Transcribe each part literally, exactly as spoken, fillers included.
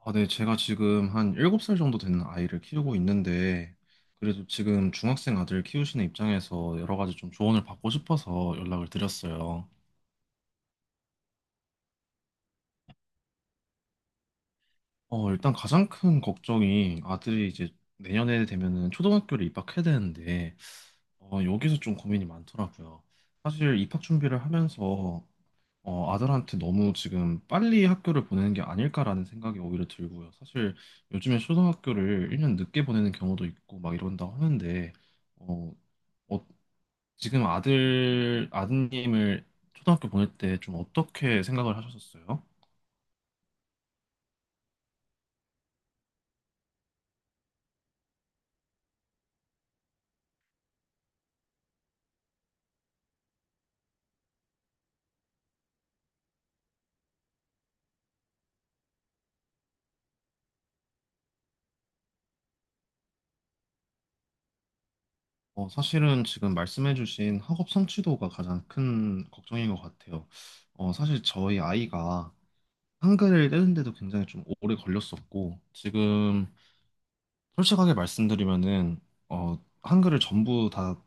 아, 네, 제가 지금 한 일곱 살 정도 되는 아이를 키우고 있는데, 그래도 지금 중학생 아들 키우시는 입장에서 여러 가지 좀 조언을 받고 싶어서 연락을 드렸어요. 어, 일단 가장 큰 걱정이 아들이 이제 내년에 되면은 초등학교를 입학해야 되는데, 어, 여기서 좀 고민이 많더라고요. 사실 입학 준비를 하면서 어, 아들한테 너무 지금 빨리 학교를 보내는 게 아닐까라는 생각이 오히려 들고요. 사실 요즘에 초등학교를 일 년 늦게 보내는 경우도 있고 막 이런다고 하는데, 어, 어, 지금 아들, 아드님을 초등학교 보낼 때 좀 어떻게 생각을 하셨었어요? 어, 사실은 지금 말씀해주신 학업 성취도가 가장 큰 걱정인 것 같아요. 어, 사실 저희 아이가 한글을 떼는데도 굉장히 좀 오래 걸렸었고, 지금 솔직하게 말씀드리면은 어, 한글을 전부 다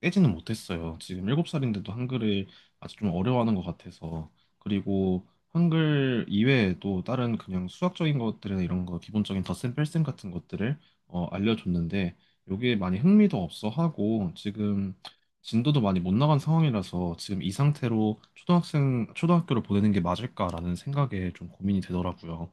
깨지는 못했어요. 지금 일곱 살인데도 한글을 아직 좀 어려워하는 것 같아서. 그리고 한글 이외에 도 다른 그냥 수학적인 것들이나 이런 거 기본적인 덧셈 뺄셈 같은 것들을 어, 알려줬는데 요게 많이 흥미도 없어 하고 지금 진도도 많이 못 나간 상황이라서 지금 이 상태로 초등학생 초등학교를 보내는 게 맞을까라는 생각에 좀 고민이 되더라고요.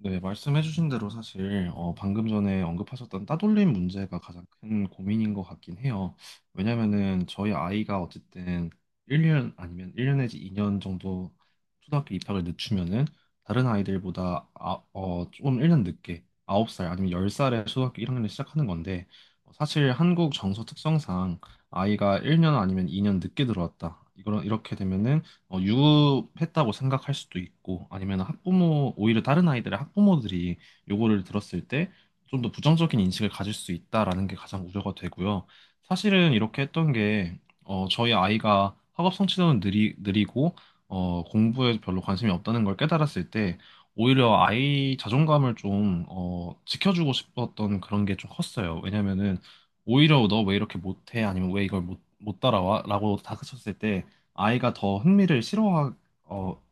네, 말씀해주신 대로 사실 어, 방금 전에 언급하셨던 따돌림 문제가 가장 큰 고민인 것 같긴 해요. 왜냐면은 저희 아이가 어쨌든 일 년 아니면 일 년 내지 이 년 정도 초등학교 입학을 늦추면은 다른 아이들보다 아, 어, 조금 일 년 늦게 아홉 살 아니면 열 살에 초등학교 일 학년을 시작하는 건데 어, 사실 한국 정서 특성상 아이가 일 년 아니면 이 년 늦게 들어왔다. 이거 이렇게 되면은 어, 유급했다고 생각할 수도 있고 아니면 학부모 오히려 다른 아이들의 학부모들이 요거를 들었을 때 좀 더 부정적인 인식을 가질 수 있다라는 게 가장 우려가 되고요. 사실은 이렇게 했던 게 어, 저희 아이가 학업 성취도는 느리, 느리고 어, 공부에 별로 관심이 없다는 걸 깨달았을 때 오히려 아이 자존감을 좀 어, 지켜주고 싶었던 그런 게 좀 컸어요. 왜냐면은 오히려 너 왜 이렇게 못해? 아니면 왜 이걸 못, 못 따라와? 라고 다그쳤을 때 아이가 더 흥미를 싫어하, 어,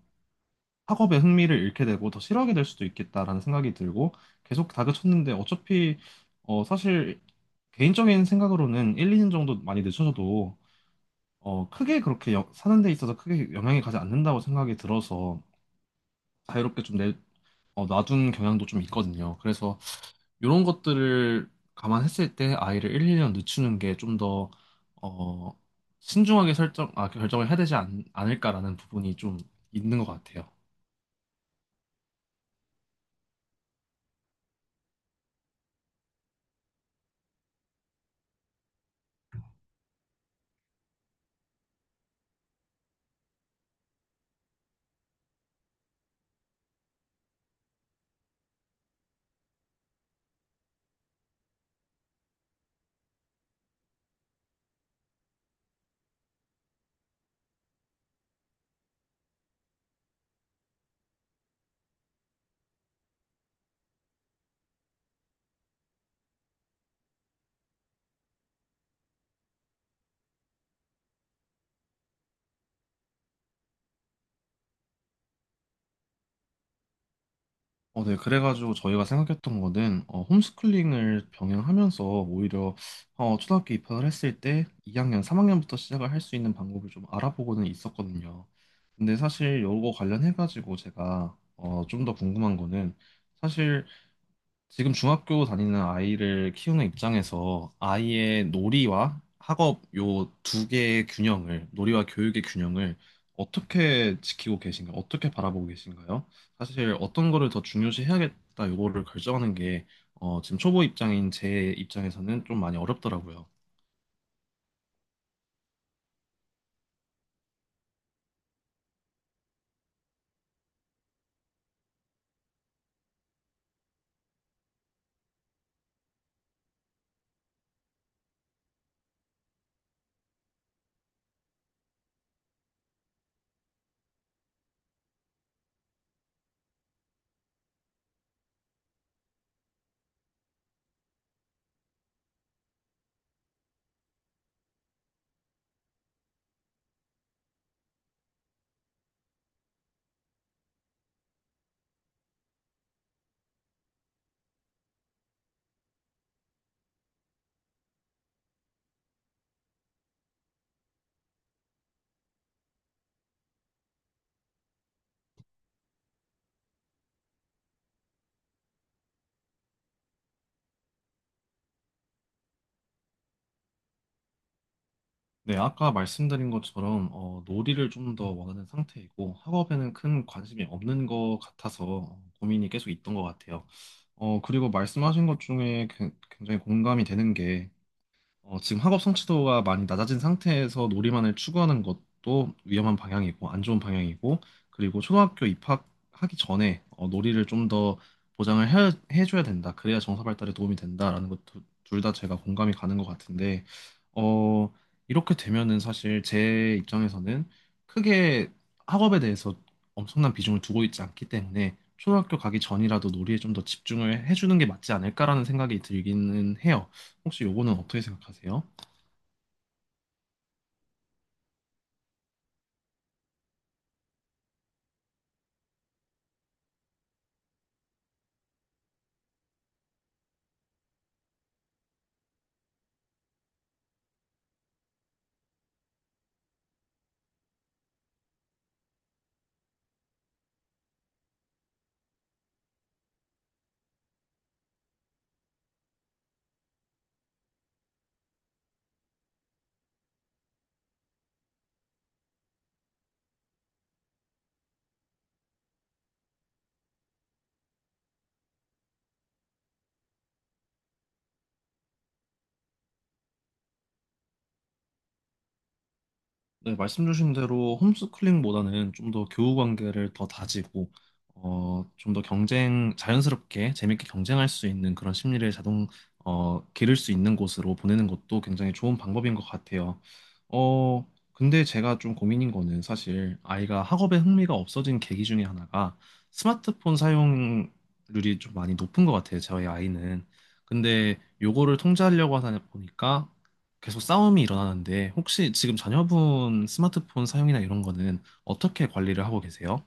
학업에 흥미를 잃게 되고 더 싫어하게 될 수도 있겠다라는 생각이 들고. 계속 다그쳤는데 어차피 어, 사실 개인적인 생각으로는 일, 이 년 정도 많이 늦춰져도 어, 크게 그렇게 여- 사는 데 있어서 크게 영향이 가지 않는다고 생각이 들어서 자유롭게 좀 내, 어, 놔둔 경향도 좀 있거든요. 그래서 이런 것들을 감안했을 때 아이를 일, 이 년 늦추는 게 좀 더, 어, 신중하게 설정, 아, 결정을 해야 되지 않, 않을까라는 부분이 좀 있는 것 같아요. 어, 네. 그래가지고 저희가 생각했던 거는 어, 홈스쿨링을 병행하면서 오히려 어, 초등학교 입학을 했을 때 이 학년, 삼 학년부터 시작을 할 수 있는 방법을 좀 알아보고는 있었거든요. 근데 사실 요거 관련해가지고 제가 어, 좀 더 궁금한 거는 사실 지금 중학교 다니는 아이를 키우는 입장에서 아이의 놀이와 학업 요 두 개의 균형을, 놀이와 교육의 균형을 어떻게 지키고 계신가요? 어떻게 바라보고 계신가요? 사실 어떤 거를 더 중요시 해야겠다 요거를 결정하는 게 어, 지금 초보 입장인 제 입장에서는 좀 많이 어렵더라고요. 네, 아까 말씀드린 것처럼 어, 놀이를 좀 더 원하는 상태이고 학업에는 큰 관심이 없는 것 같아서 어, 고민이 계속 있던 것 같아요. 어, 그리고 말씀하신 것 중에 그- 굉장히 공감이 되는 게 어, 지금 학업 성취도가 많이 낮아진 상태에서 놀이만을 추구하는 것도 위험한 방향이고 안 좋은 방향이고. 그리고 초등학교 입학하기 전에 어, 놀이를 좀 더 보장을 해, 해줘야 된다. 그래야 정서 발달에 도움이 된다라는 것도 둘 다 제가 공감이 가는 것 같은데 어, 이렇게 되면은 사실 제 입장에서는 크게 학업에 대해서 엄청난 비중을 두고 있지 않기 때문에 초등학교 가기 전이라도 놀이에 좀 더 집중을 해주는 게 맞지 않을까라는 생각이 들기는 해요. 혹시 요거는 어떻게 생각하세요? 네, 말씀 주신 대로 홈스쿨링보다는 좀 더 교우 관계를 더 다지고 어, 좀 더 경쟁 자연스럽게 재밌게 경쟁할 수 있는 그런 심리를 자동 어, 기를 수 있는 곳으로 보내는 것도 굉장히 좋은 방법인 것 같아요. 어, 근데 제가 좀 고민인 거는 사실 아이가 학업에 흥미가 없어진 계기 중에 하나가 스마트폰 사용률이 좀 많이 높은 것 같아요. 저희 아이는. 근데 요거를 통제하려고 하다 보니까 계속 싸움이 일어나는데 혹시 지금 자녀분 스마트폰 사용이나 이런 거는 어떻게 관리를 하고 계세요?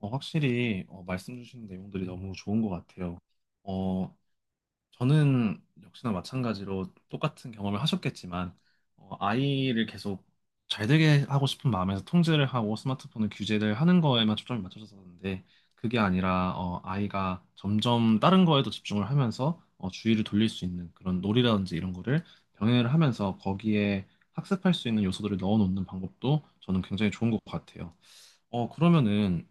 어, 확실히 어, 말씀 주신 내용들이 너무 좋은 것 같아요. 어, 저는 역시나 마찬가지로 똑같은 경험을 하셨겠지만, 어, 아이를 계속 잘 되게 하고 싶은 마음에서 통제를 하고 스마트폰을 규제를 하는 거에만 초점이 맞춰졌었는데, 그게 아니라, 어, 아이가 점점 다른 거에도 집중을 하면서, 어, 주의를 돌릴 수 있는 그런 놀이라든지 이런 거를 병행을 하면서 거기에 학습할 수 있는 요소들을 넣어놓는 방법도 저는 굉장히 좋은 것 같아요. 어, 그러면은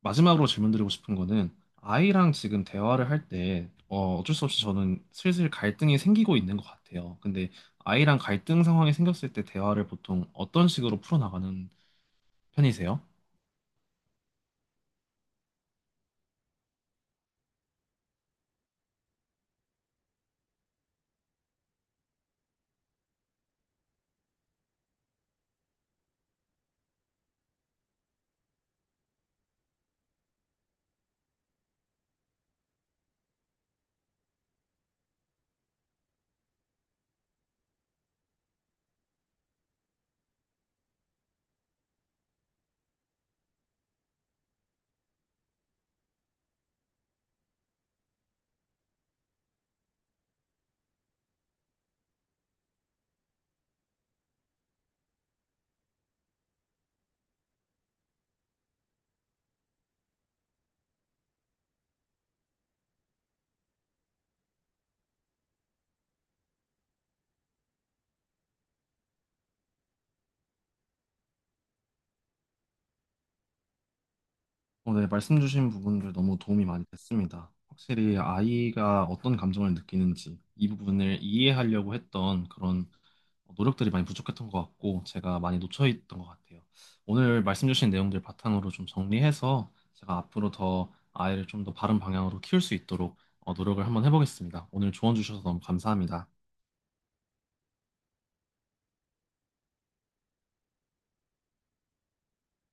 마지막으로 질문드리고 싶은 거는 아이랑 지금 대화를 할 때 어, 어쩔 수 없이 저는 슬슬 갈등이 생기고 있는 것 같아요. 근데 아이랑 갈등 상황이 생겼을 때 대화를 보통 어떤 식으로 풀어나가는 편이세요? 어, 네, 말씀 주신 부분들 너무 도움이 많이 됐습니다. 확실히 아이가 어떤 감정을 느끼는지 이 부분을 이해하려고 했던 그런 노력들이 많이 부족했던 것 같고 제가 많이 놓쳐 있던 것 같아요. 오늘 말씀 주신 내용들 바탕으로 좀 정리해서 제가 앞으로 더 아이를 좀 더 바른 방향으로 키울 수 있도록 어, 노력을 한번 해보겠습니다. 오늘 조언 주셔서 너무 감사합니다.